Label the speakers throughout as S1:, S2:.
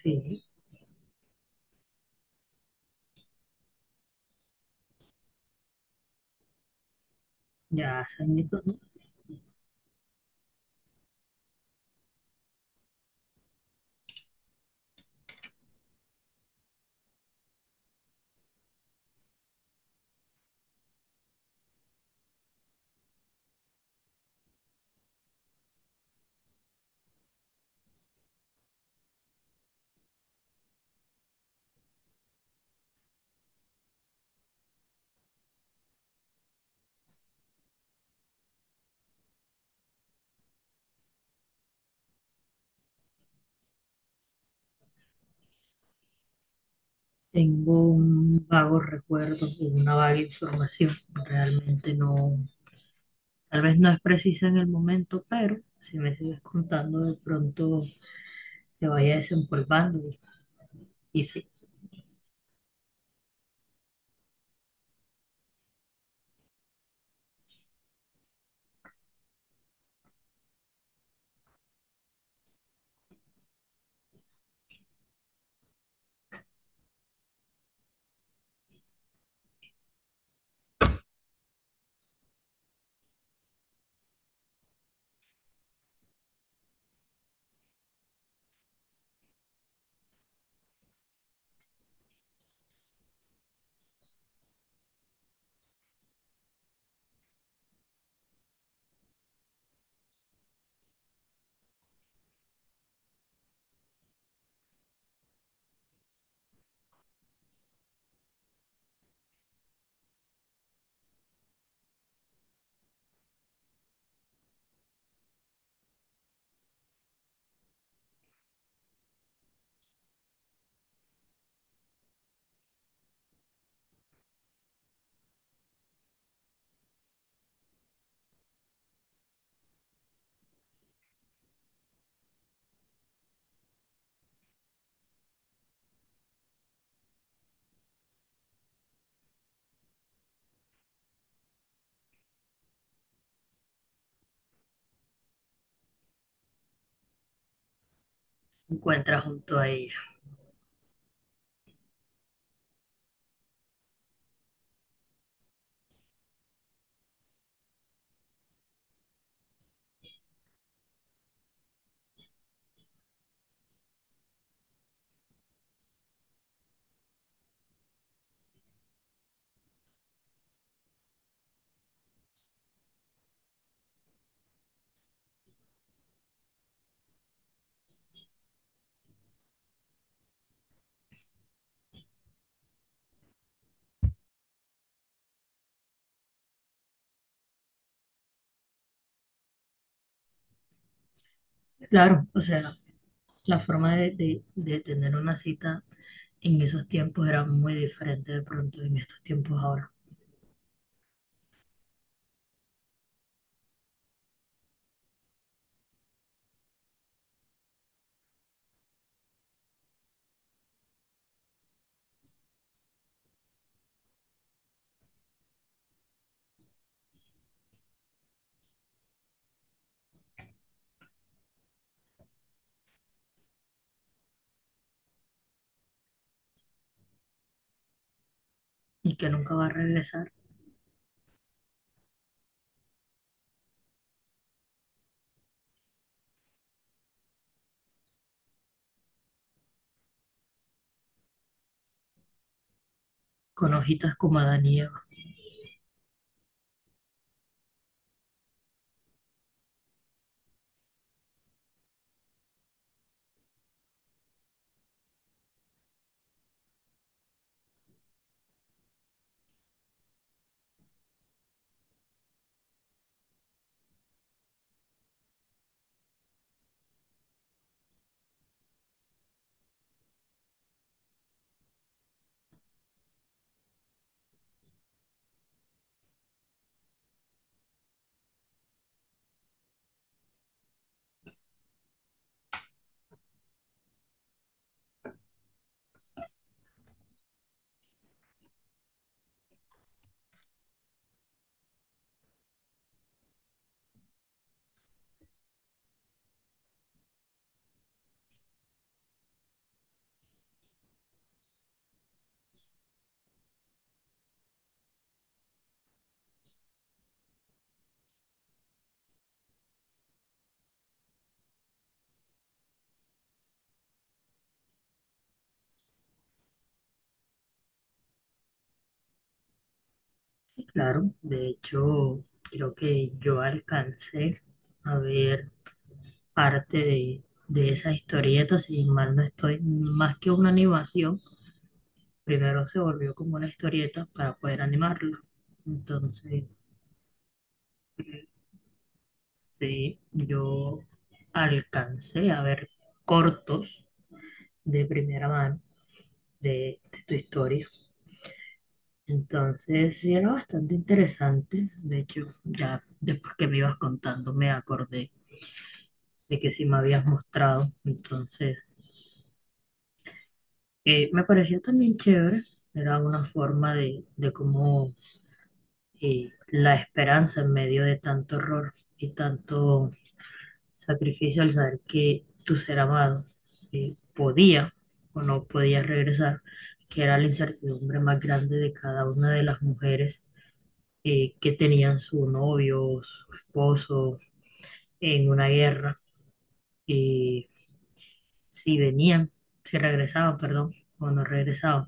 S1: Sí, ya hace añitos, ¿no? Tengo un vago recuerdo, y una vaga información. Realmente no, tal vez no es precisa en el momento, pero si me sigues contando, de pronto te vaya desempolvando y se encuentra junto a ella. Claro, o sea, la forma de tener una cita en esos tiempos era muy diferente de pronto en estos tiempos ahora. Y que nunca va a regresar con hojitas como Adán y Eva. Claro, de hecho, creo que yo alcancé a ver parte de esas historietas, si mal no estoy, más que una animación, primero se volvió como una historieta para poder animarla. Entonces, sí, yo alcancé a ver cortos de primera mano de tu historia. Entonces, sí, era bastante interesante. De hecho, ya después que me ibas contando, me acordé de que sí me habías mostrado. Entonces, me parecía también chévere. Era una forma de cómo la esperanza en medio de tanto horror y tanto sacrificio al saber que tu ser amado podía o no podía regresar, que era la incertidumbre más grande de cada una de las mujeres que tenían su novio, o su esposo en una guerra, y si venían, si regresaban, perdón, o no regresaban.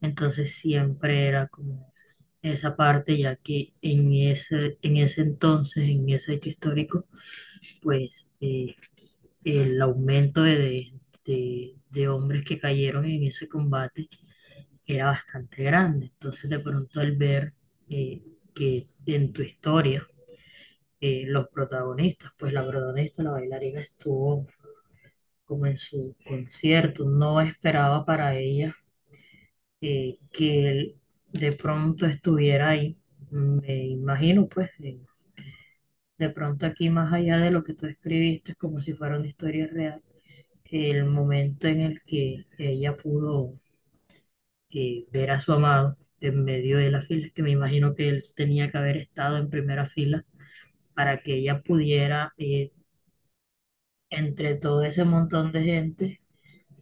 S1: Entonces siempre era como esa parte, ya que en ese entonces, en ese hecho histórico, pues el aumento de hombres que cayeron en ese combate era bastante grande. Entonces de pronto al ver eh, que en tu historia los protagonistas, pues la protagonista, la bailarina estuvo como en su concierto, no esperaba para ella que él de pronto estuviera ahí. Me imagino, pues, de pronto aquí más allá de lo que tú escribiste, es como si fuera una historia real, el momento en el que ella pudo ver a su amado en medio de las filas, que me imagino que él tenía que haber estado en primera fila para que ella pudiera, entre todo ese montón de gente,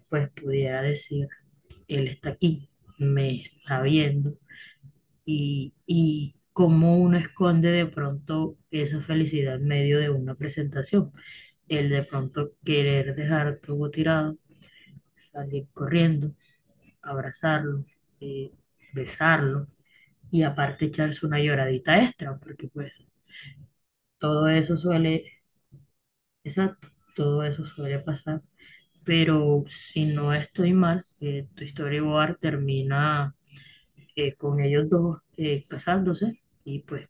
S1: pues pudiera decir, él está aquí, me está viendo y cómo uno esconde de pronto esa felicidad en medio de una presentación. El de pronto querer dejar todo tirado, salir corriendo, abrazarlo, eh, besarlo y aparte echarse una lloradita extra, porque pues todo eso suele, exacto, todo eso suele pasar. Pero si no estoy mal, tu storyboard termina con ellos dos casándose y pues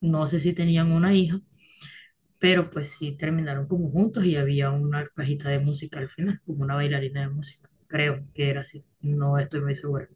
S1: no sé si tenían una hija pero pues sí terminaron como juntos y había una cajita de música al final, como una bailarina de música, creo que era así, no estoy muy seguro.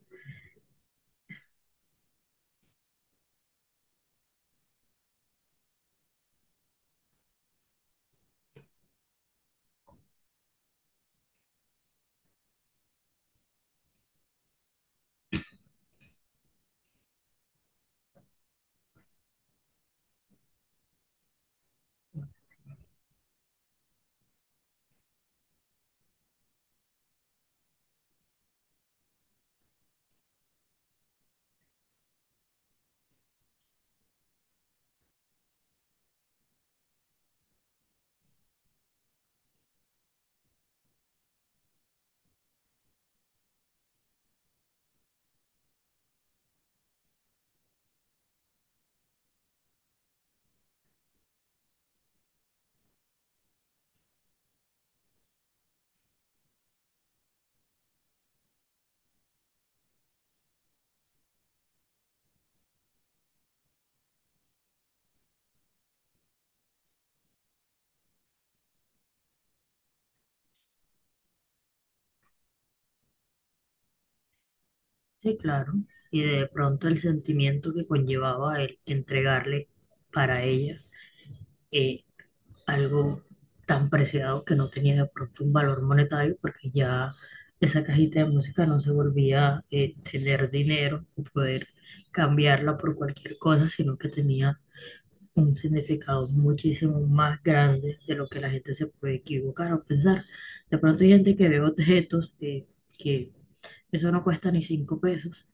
S1: Sí, claro, y de pronto el sentimiento que conllevaba el entregarle para ella eh, algo tan preciado que no tenía de pronto un valor monetario, porque ya esa cajita de música no se volvía tener dinero o poder cambiarla por cualquier cosa, sino que tenía un significado muchísimo más grande de lo que la gente se puede equivocar o pensar. De pronto hay gente que ve objetos que eso no cuesta ni cinco pesos,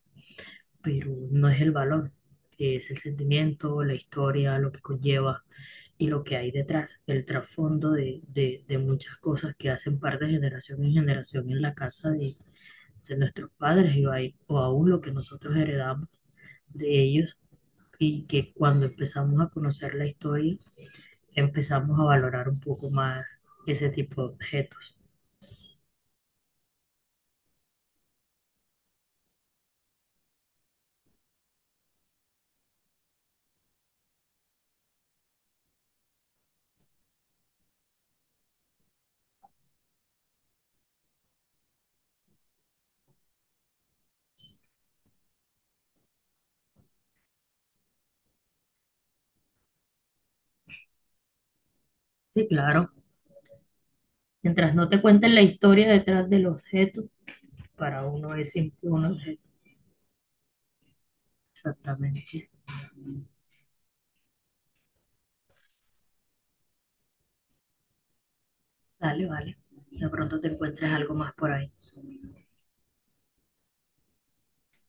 S1: pero no es el valor, que es el sentimiento, la historia, lo que conlleva y lo que hay detrás, el trasfondo de muchas cosas que hacen parte de generación en generación en la casa de nuestros padres y ahí- o aún lo que nosotros heredamos de ellos y que cuando empezamos a conocer la historia, empezamos a valorar un poco más ese tipo de objetos. Sí, claro. Mientras no te cuenten la historia detrás del objeto, para uno es simple un objeto. Exactamente. Dale, vale. De pronto te encuentres algo más por ahí.